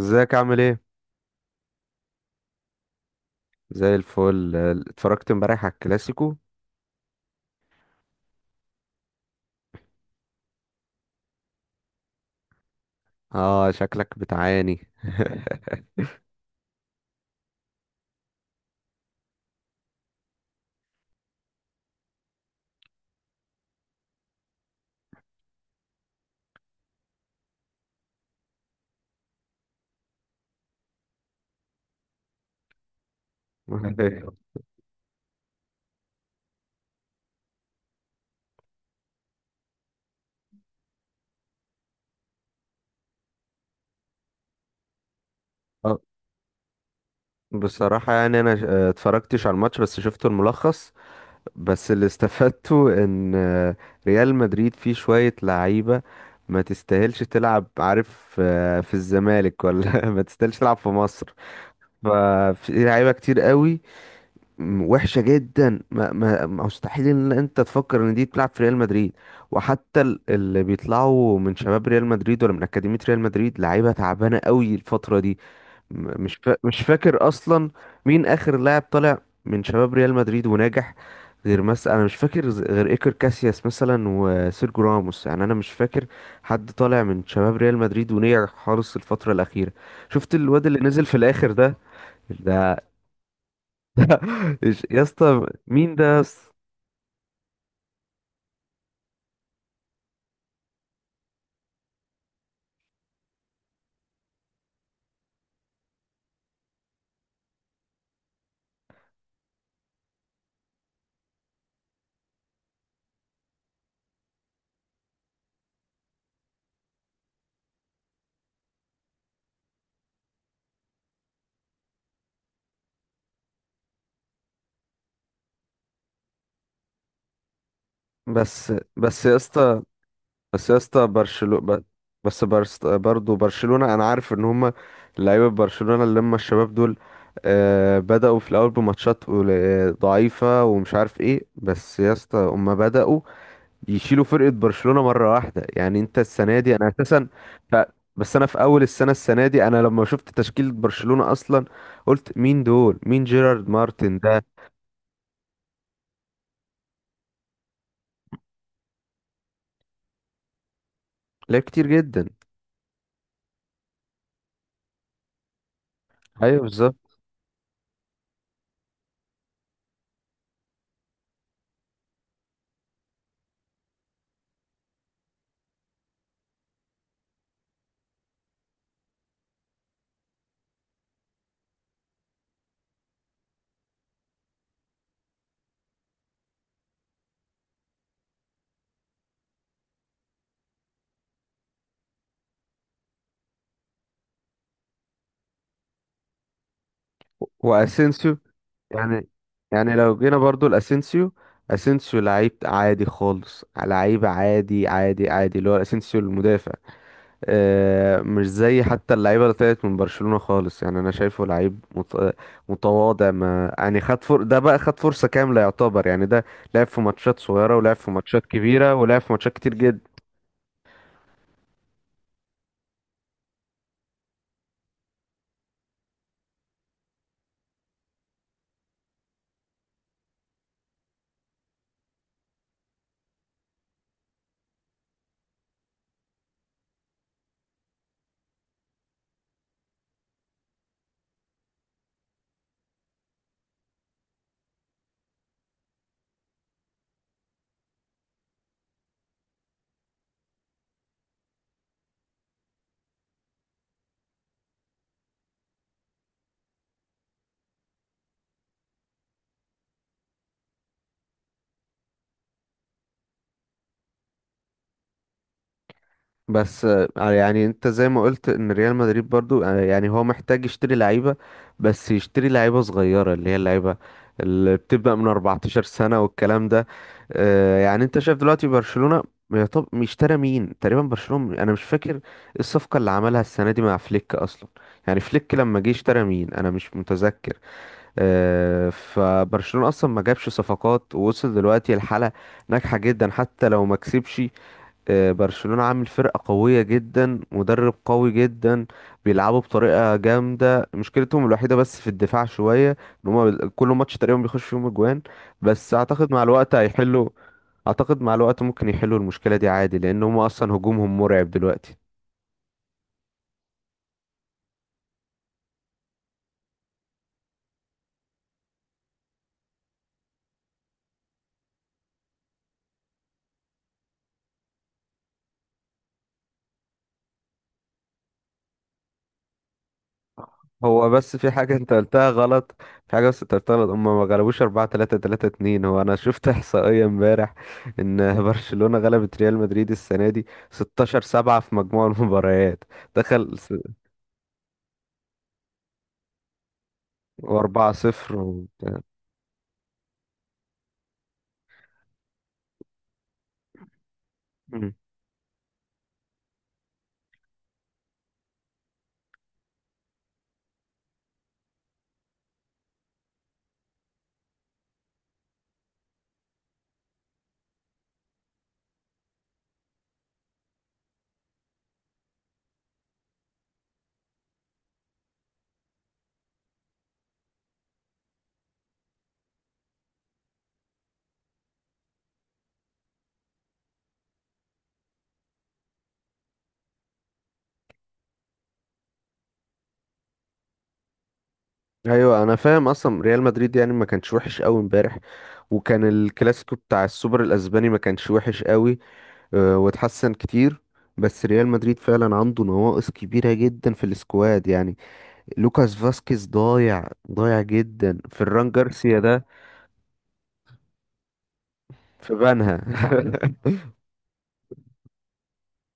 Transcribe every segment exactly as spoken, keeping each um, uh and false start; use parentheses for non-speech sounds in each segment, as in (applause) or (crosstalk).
ازيك عامل ايه؟ زي الفل. اتفرجت امبارح على الكلاسيكو. اه شكلك بتعاني. (laughs) اه، بصراحة يعني انا ش- اه اتفرجتش على الماتش، بس شفت الملخص. بس اللي استفدته ان اه ريال مدريد فيه شوية لعيبة ما تستاهلش تلعب، عارف، اه في الزمالك، ولا (laughs) ما تستاهلش تلعب في مصر. ففي لعيبة كتير قوي، م- وحشة جدا، ما ما ما- مستحيل ان انت تفكر ان دي تلعب في ريال مدريد. وحتى ال- اللي بيطلعوا من شباب ريال مدريد ولا من أكاديمية ريال مدريد لعيبة تعبانة قوي الفترة دي. م- مش فا... مش فاكر اصلا مين اخر لاعب طالع من شباب ريال مدريد وناجح. غير مثلا، انا مش فاكر، ز- غير ايكر كاسياس مثلا وسيرجو راموس، يعني انا مش فاكر حد طالع من شباب ريال مدريد ونجح خالص الفترة الأخيرة. شفت الواد اللي نزل في الآخر ده؟ ده إيش- يا اسطى مين ده بس؟ بس بس يا اسطى، بس يا اسطى برشلونة، بس برس برضه برشلونة انا عارف ان هما لعيبة برشلونة اللي هم الشباب دول آه بدأوا في الاول بماتشات قل- ضعيفة ومش عارف ايه، بس يا اسطى هما بدأوا يشيلوا فرقة برشلونة مرة واحدة. يعني انت السنة دي انا اساسا ف... بس انا في اول السنة، السنة دي، انا لما شفت تشكيلة برشلونة اصلا قلت مين دول، مين جيرارد مارتن ده؟ لعيب كتير جدا، ايوه بالظبط. واسينسيو يعني، يعني لو جينا برضو لاسينسيو، اسينسيو لعيب عادي خالص، لعيب عادي عادي عادي، اللي هو اسينسيو المدافع. آه مش زي حتى اللعيبه اللي طلعت من برشلونه خالص، يعني انا شايفه لعيب مت- متواضع. ما يعني خد فر... ده بقى خد فرصه كامله يعتبر، يعني ده لعب في ماتشات صغيره ولعب في ماتشات كبيره ولعب في ماتشات كتير جدا. بس آه، يعني انت زي ما قلت ان ريال مدريد برضو آه، يعني هو محتاج يشتري لعيبة، بس يشتري لعيبة صغيرة اللي هي اللعيبة اللي بتبدأ من اربعة عشر سنة والكلام ده. آه، يعني انت شايف دلوقتي برشلونة، يا طب اشترى مين تقريبا برشلونة؟ انا مش فاكر ايه الصفقة اللي عملها السنة دي مع فليك اصلا. يعني فليك لما جه اشترى مين؟ انا مش متذكر. آه، فبرشلونة اصلا ما جابش صفقات ووصل دلوقتي لحالة ناجحة جدا حتى لو ما كسبش. آه، برشلونة عامل فرقة قوية جدا، مدرب قوي جدا، بيلعبوا بطريقة جامدة. مشكلتهم الوحيدة بس في الدفاع شوية ان هما بال- كل ماتش تقريبا بيخش فيهم اجوان، بس اعتقد مع الوقت هيحلوا. اعتقد مع الوقت ممكن يحلوا المشكلة دي عادي لان هما اصلا هجومهم مرعب دلوقتي. هو بس في حاجة انت قلتها غلط، في حاجة بس انت قلتها غلط، هما ما غلبوش أربعة تلاتة تلاتة اتنين. هو أنا شفت (laughs) إحصائية امبارح إن (laughs) برشلونة غلبت ريال مدريد السنة دي ستاشر سبعة في مجموع المباريات. دخل س... وأربعة صفر وبتاع. مم. أيوة أنا فاهم، أصلا ريال مدريد يعني ما كانش وحش أوي امبارح، وكان الكلاسيكو بتاع السوبر الأسباني ما كانش وحش أوي. آه، واتحسن كتير. بس ريال مدريد فعلا عنده نواقص كبيرة جدا في السكواد يعني. لوكاس فاسكيز ضايع، ضايع جدا. فران جارسيا ده في بنها. (laughs)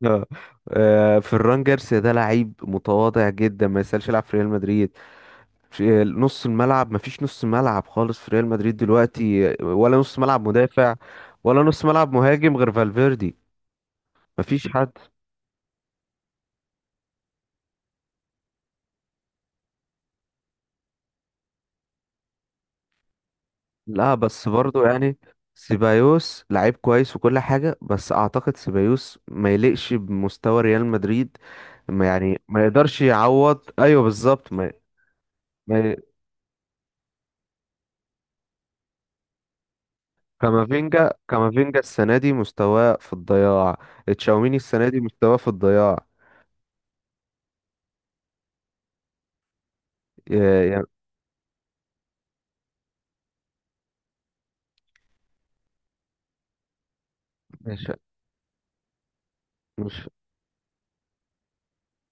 آه. آه، فران جارسيا ده لعيب متواضع جدا ما يسألش يلعب في ريال مدريد. في نص الملعب ما فيش نص ملعب خالص في ريال مدريد دلوقتي، ولا نص ملعب مدافع ولا نص ملعب مهاجم غير فالفيردي. ما فيش حد. لا بس برضو يعني سيبايوس لعيب كويس وكل حاجة، بس أعتقد سيبايوس ما يليقش بمستوى ريال مدريد. ما يعني ما يقدرش يعوض، أيوه بالظبط. ما, ما ي- كامافينجا، كامافينجا السنة دي مستواه في الضياع. تشاوميني السنة دي مستواه في الضياع. ي- يعني مش مش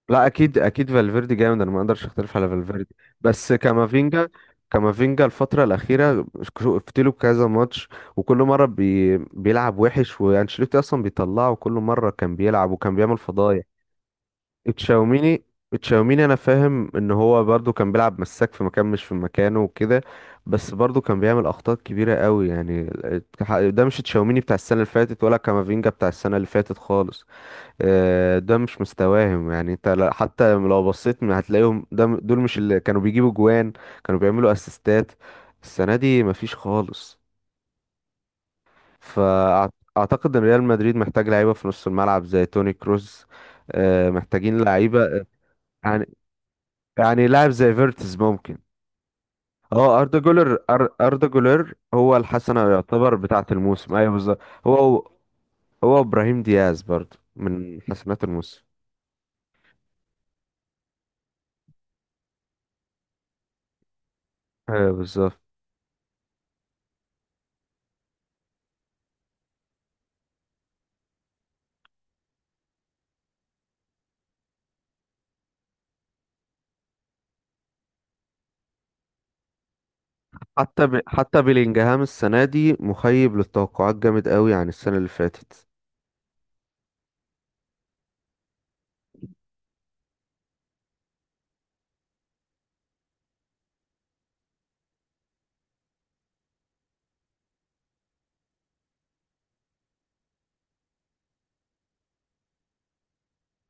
لا اكيد، اكيد فالفيردي جامد، انا ما اقدرش اختلف على فالفيردي. بس كامافينجا، كامافينجا الفتره الاخيره شفت له كذا ماتش، وكل مره بي بيلعب وحش، وانشيلوتي اصلا بيطلعه وكل مره كان بيلعب وكان بيعمل فضايح. تشاوميني، تشاوميني انا فاهم ان هو برضو كان بيلعب مساك في مكان مش في مكانه وكده، بس برضو كان بيعمل اخطاء كبيره قوي يعني. ده مش تشاوميني بتاع السنه اللي فاتت ولا كامافينجا بتاع السنه اللي فاتت خالص. آه، ده مش مستواهم. يعني انت لا- حتى لو بصيت م- هتلاقيهم ده م- دول مش اللي كانوا بيجيبوا جوان، كانوا بيعملوا اسيستات، السنة دي مفيش خالص. فاعتقد ان ريال مدريد محتاج لعيبة في نص الملعب زي توني كروز. آه، محتاجين لعيبة، يعني، يعني لاعب زي فيرتز ممكن. اه اردا جولر، أر- اردا جولر هو الحسنة يعتبر بتاعة الموسم، ايوه بالظبط. هو، هو ابراهيم دياز برضو من حسنات الموسم، ايوه بالظبط. حتى ب... حتى بيلينجهام السنة دي مخيب للتوقعات جامد قوي عن السنة اللي فاتت.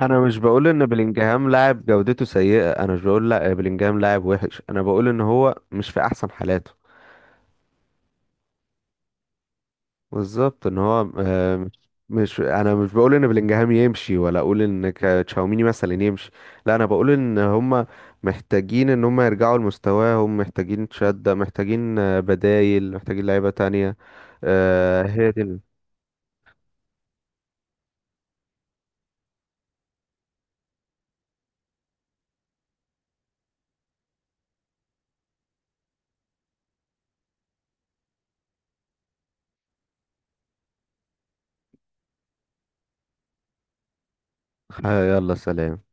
انا مش بقول ان بيلينجهام لاعب جودته سيئة، انا مش بقول لا بيلينجهام لاعب وحش، انا بقول ان هو مش في احسن حالاته، بالظبط، ان هو آه، مش مش- انا مش بقول ان بلينجهام يمشي، ولا اقول ان ك- تشاوميني مثلا يمشي. لا انا بقول ان هم محتاجين ان هم يرجعوا لمستواهم، محتاجين شدة، محتاجين آه، بدايل، محتاجين لعيبة تانية. آه، هي دي ال- آه، يلا سلام.